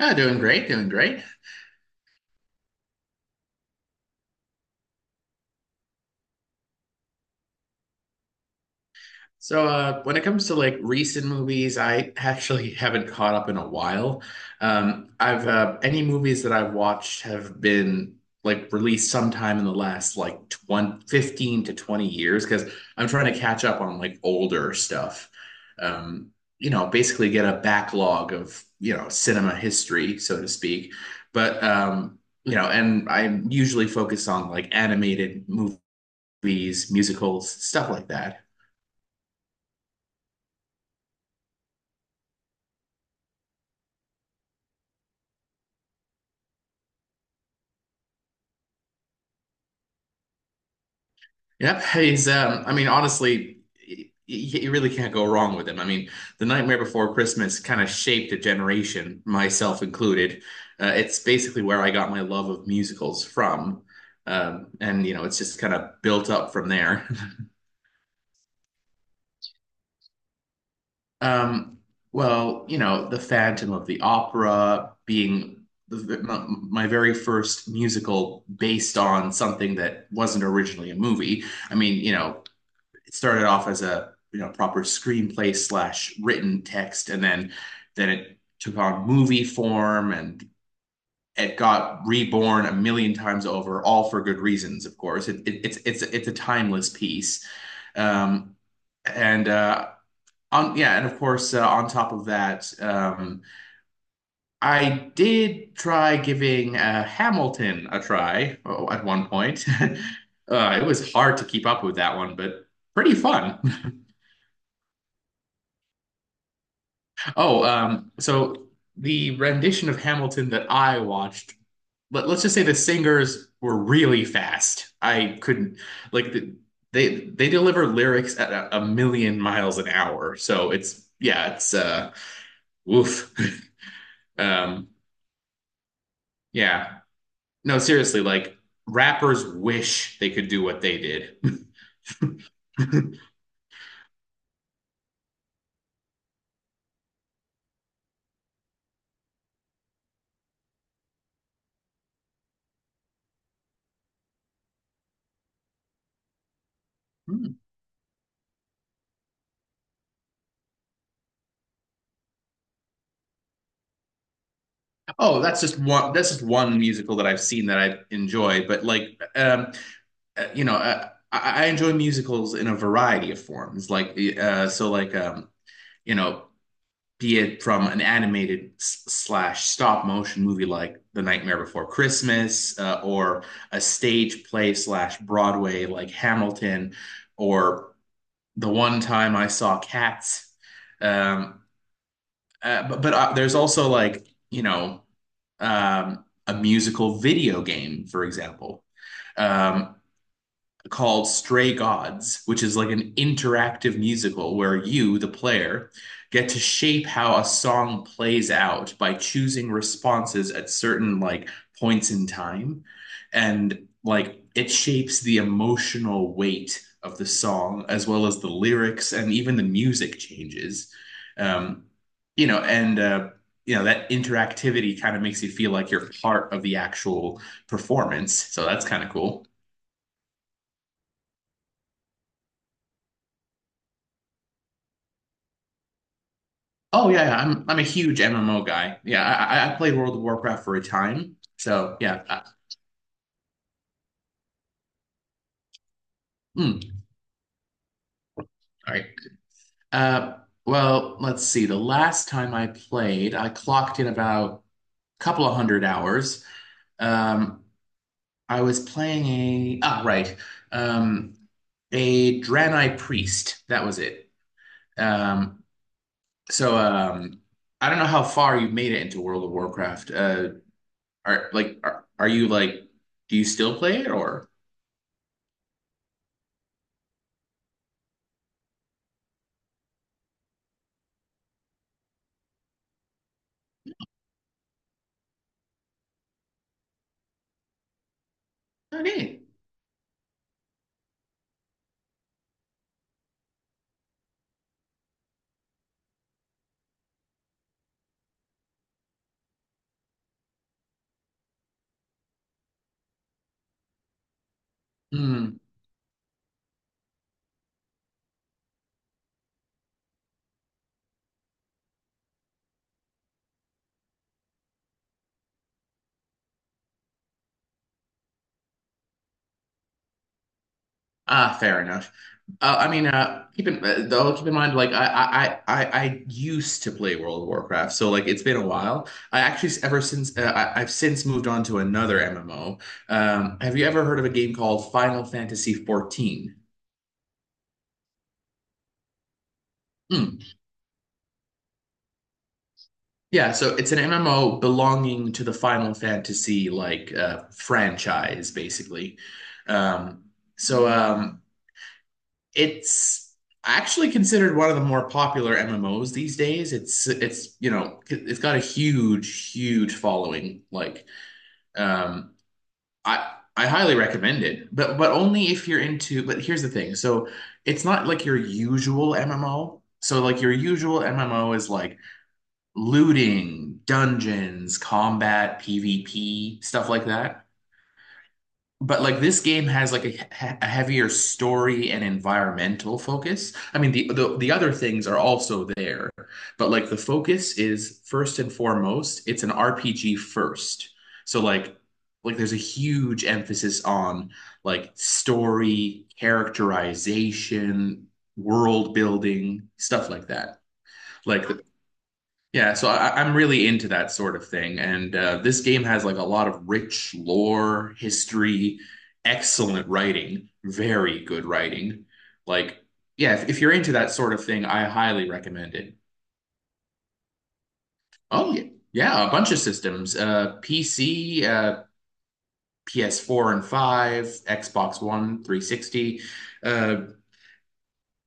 Ah, doing great, doing great. So, when it comes to like recent movies, I actually haven't caught up in a while. I've Any movies that I've watched have been like released sometime in the last like 15 to 20 years because I'm trying to catch up on like older stuff. Um, Basically get a backlog of cinema history, so to speak. But and I'm usually focused on like animated movies, musicals, stuff like that. Yep, he's I mean honestly you really can't go wrong with him. I mean, The Nightmare Before Christmas kind of shaped a generation, myself included. It's basically where I got my love of musicals from. And it's just kind of built up from there. Um, well, The Phantom of the Opera being my very first musical based on something that wasn't originally a movie. I mean, it started off as a proper screenplay slash written text, and then it took on movie form and it got reborn a million times over, all for good reasons, of course. It, it's a timeless piece. Um, and uh, yeah, and of course, on top of that, I did try giving Hamilton a try at one point. It was hard to keep up with that one, but pretty fun. Oh, so the rendition of Hamilton that I watched, let's just say the singers were really fast. I couldn't like the, They deliver lyrics at a million miles an hour. So it's yeah, it's woof. Um, yeah. No, seriously, like rappers wish they could do what they did. Oh, that's just one. That's just one musical that I've seen that I enjoy. But like, I enjoy musicals in a variety of forms. Like, so like, you know, be it from an animated slash stop motion movie like The Nightmare Before Christmas, or a stage play slash Broadway like Hamilton, or the one time I saw cats. Um, but there's also like, a musical video game, for example. Um, Called Stray Gods, which is like an interactive musical where you, the player, get to shape how a song plays out by choosing responses at certain like points in time. And like it shapes the emotional weight of the song as well as the lyrics and even the music changes. Um, and that interactivity kind of makes you feel like you're part of the actual performance. So that's kind of cool. Oh yeah, yeah, I'm a huge MMO guy. Yeah, I played World of Warcraft for a time. So yeah. Mm, all right. Uh, well, let's see. The last time I played, I clocked in about a couple of hundred hours. Um, I was playing um, a Draenei Priest. That was it. Um, so I don't know how far you've made it into World of Warcraft. Are you like? Do you still play it or? Okay. Hmm. Ah, fair enough. I mean, keep in though, keep in mind, like I used to play World of Warcraft, so like it's been a while. Ever since, I've since moved on to another MMO. Have you ever heard of a game called Final Fantasy 14? Hmm. Yeah, so it's an MMO belonging to the Final Fantasy like franchise, basically. Um, so it's actually considered one of the more popular MMOs these days. It's it's got a huge, huge following. Like um, I highly recommend it, but only if you're into. But here's the thing: so it's not like your usual MMO. So like your usual MMO is like looting, dungeons, combat, PvP, stuff like that. But like this game has like a heavier story and environmental focus. I mean, the other things are also there, but like the focus is first and foremost, it's an RPG first. So like there's a huge emphasis on like story, characterization, world building, stuff like that. Like yeah, so I'm really into that sort of thing, and this game has like a lot of rich lore, history, excellent writing, very good writing. Like, yeah, if you're into that sort of thing, I highly recommend it. Oh yeah, yeah, a bunch of systems: PC, PS4 and 5, Xbox One, 360. Uh,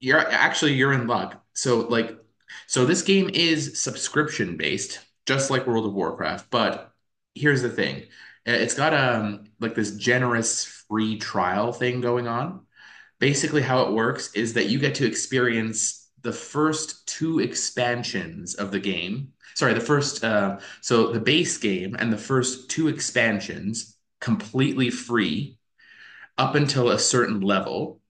You're actually, you're in luck. So this game is subscription based, just like World of Warcraft, but here's the thing. It's got like this generous free trial thing going on. Basically how it works is that you get to experience the first two expansions of the game. Sorry, the first so the base game and the first two expansions completely free up until a certain level.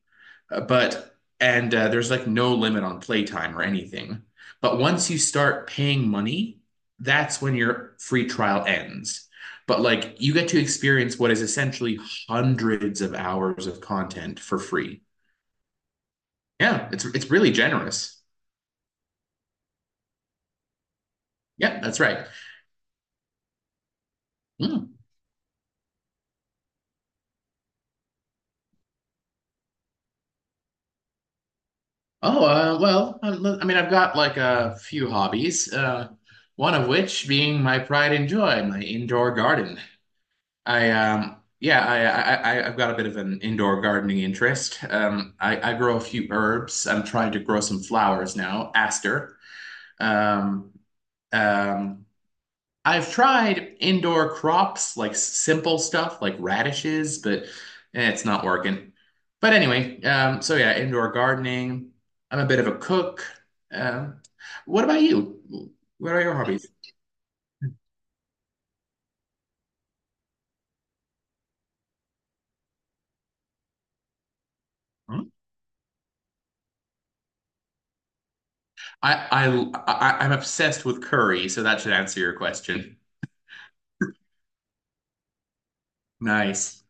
But and There's like no limit on playtime or anything. But once you start paying money, that's when your free trial ends. But like you get to experience what is essentially hundreds of hours of content for free. Yeah, it's really generous. Yeah, that's right. Hmm. Oh, well, I mean, I've got like a few hobbies, one of which being my pride and joy, my indoor garden. I yeah, I- I've got a bit of an indoor gardening interest. I grow a few herbs. I'm trying to grow some flowers now, aster. Um, um, I've tried indoor crops like simple stuff like radishes, but it's not working. But anyway, so yeah, indoor gardening. I'm a bit of a cook. Um, what about you? What are your hobbies? I I I'm obsessed with curry, so that should answer your question. Nice.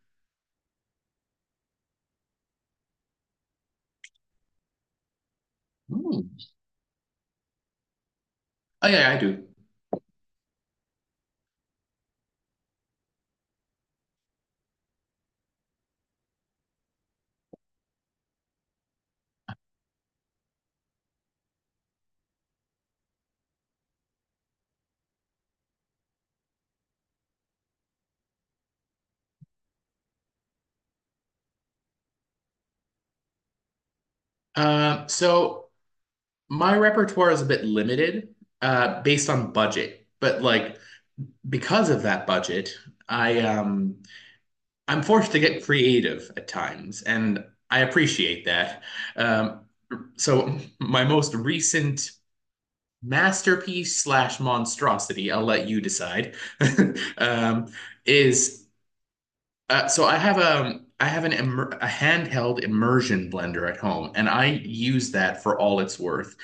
Hmm. Oh yeah, yeah, I do. So my repertoire is a bit limited, based on budget. But like because of that budget, I um I'm forced to get creative at times, and I appreciate that. Um, so my most recent masterpiece slash monstrosity, I'll let you decide, um, is so I have a I have an immer a handheld immersion blender at home, and I use that for all it's worth.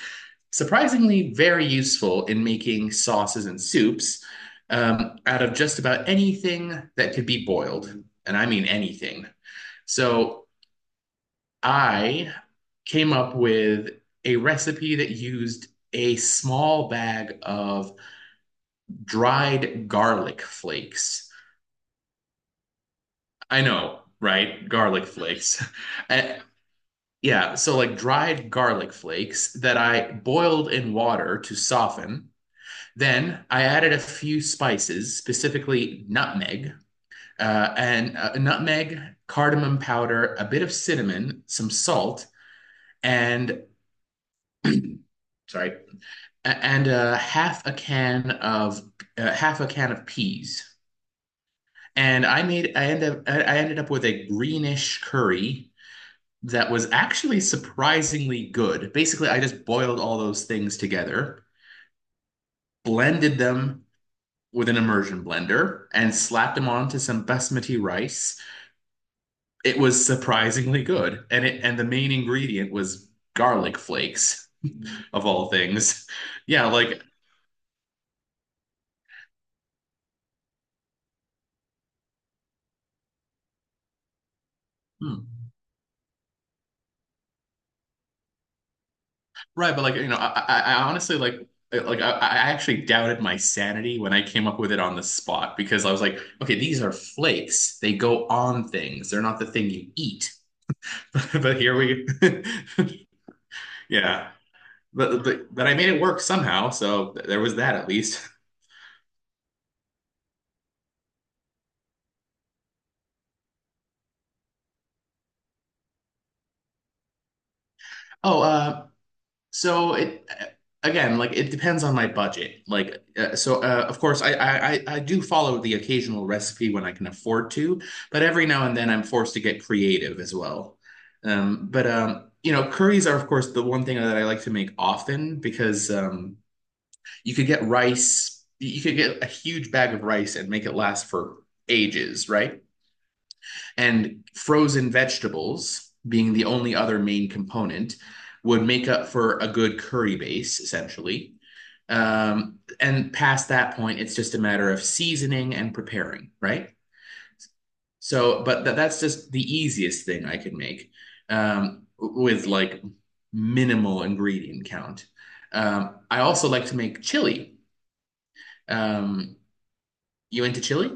Surprisingly, very useful in making sauces and soups, out of just about anything that could be boiled, and I mean anything. So I came up with a recipe that used a small bag of dried garlic flakes. I know, right? Garlic flakes. A- Yeah, so like dried garlic flakes that I boiled in water to soften. Then I added a few spices, specifically nutmeg, uh, and uh, nutmeg, cardamom powder, a bit of cinnamon, some salt, and sorry, a- and half a can of peas. And I made I ended up with a greenish curry that was actually surprisingly good. Basically, I just boiled all those things together, blended them with an immersion blender, and slapped them onto some basmati rice. It was surprisingly good, and the main ingredient was garlic flakes of all things. Yeah, like hmm. right, but like I honestly like I actually doubted my sanity when I came up with it on the spot because I was like, okay, these are flakes. They go on things. They're not the thing you eat. But here we, yeah. But I made it work somehow. So there was that at least. Oh, so it again, like it depends on my budget. Like so, of course, I do follow the occasional recipe when I can afford to, but every now and then I'm forced to get creative as well. But curries are of course the one thing that I like to make often because you could get rice, you could get a huge bag of rice and make it last for ages, right? And frozen vegetables being the only other main component would make up for a good curry base essentially. And past that point it's just a matter of seasoning and preparing right. That's just the easiest thing I could make, with like minimal ingredient count. I also like to make chili. um, you into chili?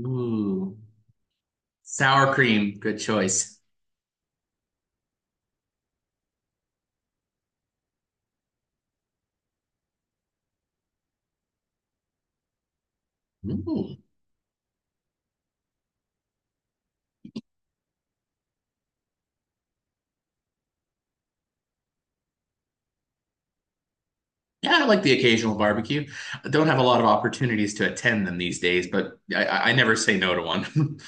Ooh. Sour cream, good choice. Ooh. Yeah, I like the occasional barbecue. I don't have a lot of opportunities to attend them these days, but I never say no to one.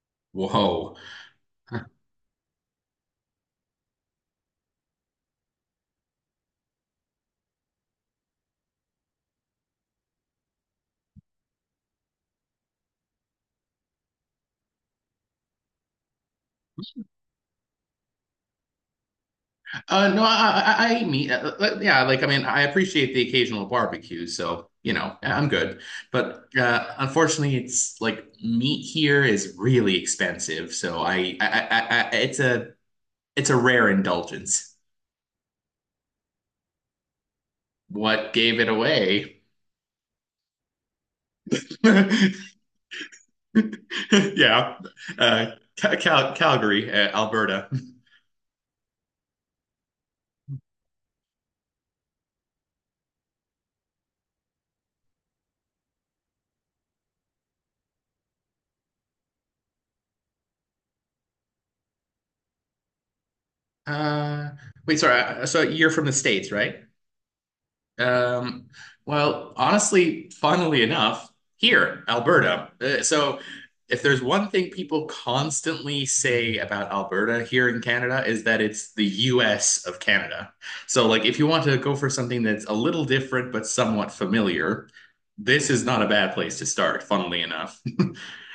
Whoa. No, I mean, yeah, like, I mean, I appreciate the occasional barbecue, so, yeah, I'm good. But unfortunately, it's like meat here is really expensive, so it's a rare indulgence. What gave it away? Yeah, uh, Calgary, Alberta. Uh, Wait, sorry. So you're from the States, right? Um, well, honestly, funnily enough, here, Alberta. So if there's one thing people constantly say about Alberta here in Canada is that it's the US of Canada. So like if you want to go for something that's a little different but somewhat familiar, this is not a bad place to start, funnily enough.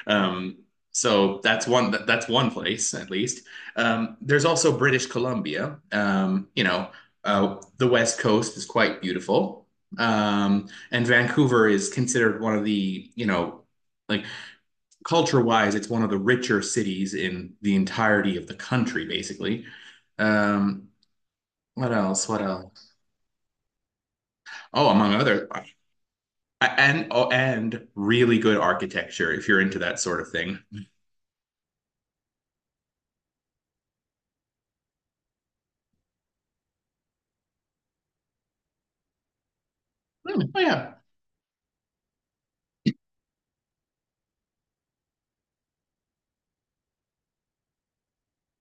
Um, so that's one place at least. There's also British Columbia. The West Coast is quite beautiful, and Vancouver is considered one of the like culture wise, it's one of the richer cities in the entirety of the country, basically. Um, what else? What else? Oh, among other and oh, and really good architecture if you're into that sort of thing. Hmm. Oh yeah.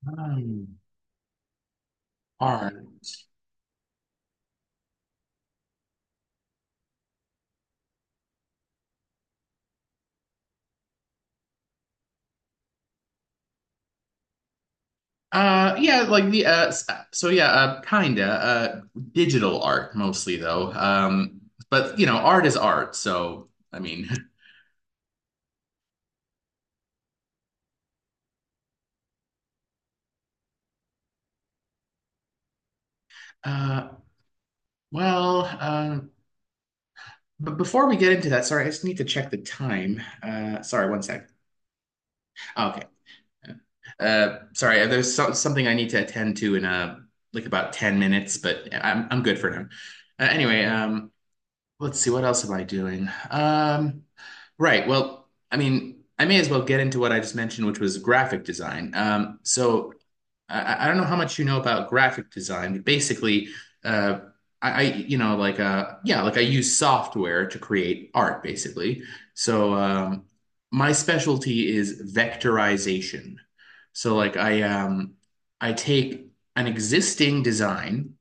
Um, Art. Yeah, so yeah, kinda digital art mostly though. But art is art, so I mean, uh, well, but before we get into that, sorry, I just need to check the time. Sorry, one sec. Ah, okay. Sorry, there's something I need to attend to in like about 10 minutes, but I'm good for now. Anyway, let's see, what else am I doing? Right, well, I mean, I may as well get into what I just mentioned, which was graphic design. So I don't know how much you know about graphic design, but basically, uh, I you know like yeah like I use software to create art basically. So my specialty is vectorization. So like I take an existing design,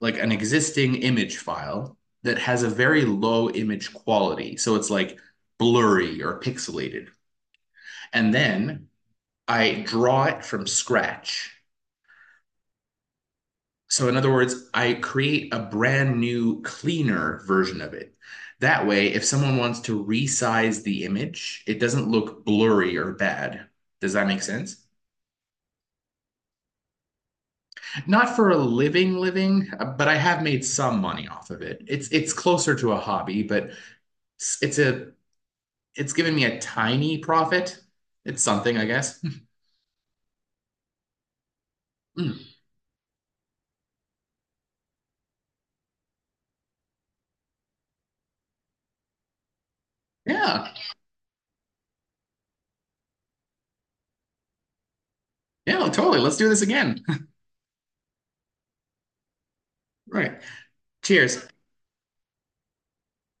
like an existing image file that has a very low image quality. So it's like blurry or pixelated. And then I draw it from scratch. So, in other words, I create a brand new, cleaner version of it. That way, if someone wants to resize the image, it doesn't look blurry or bad. Does that make sense? Not for a living, living, but I have made some money off of it. It's closer to a hobby, but it's, a it's given me a tiny profit. It's something, I guess. Yeah, yeah, totally. Let's do this again. Right. Cheers.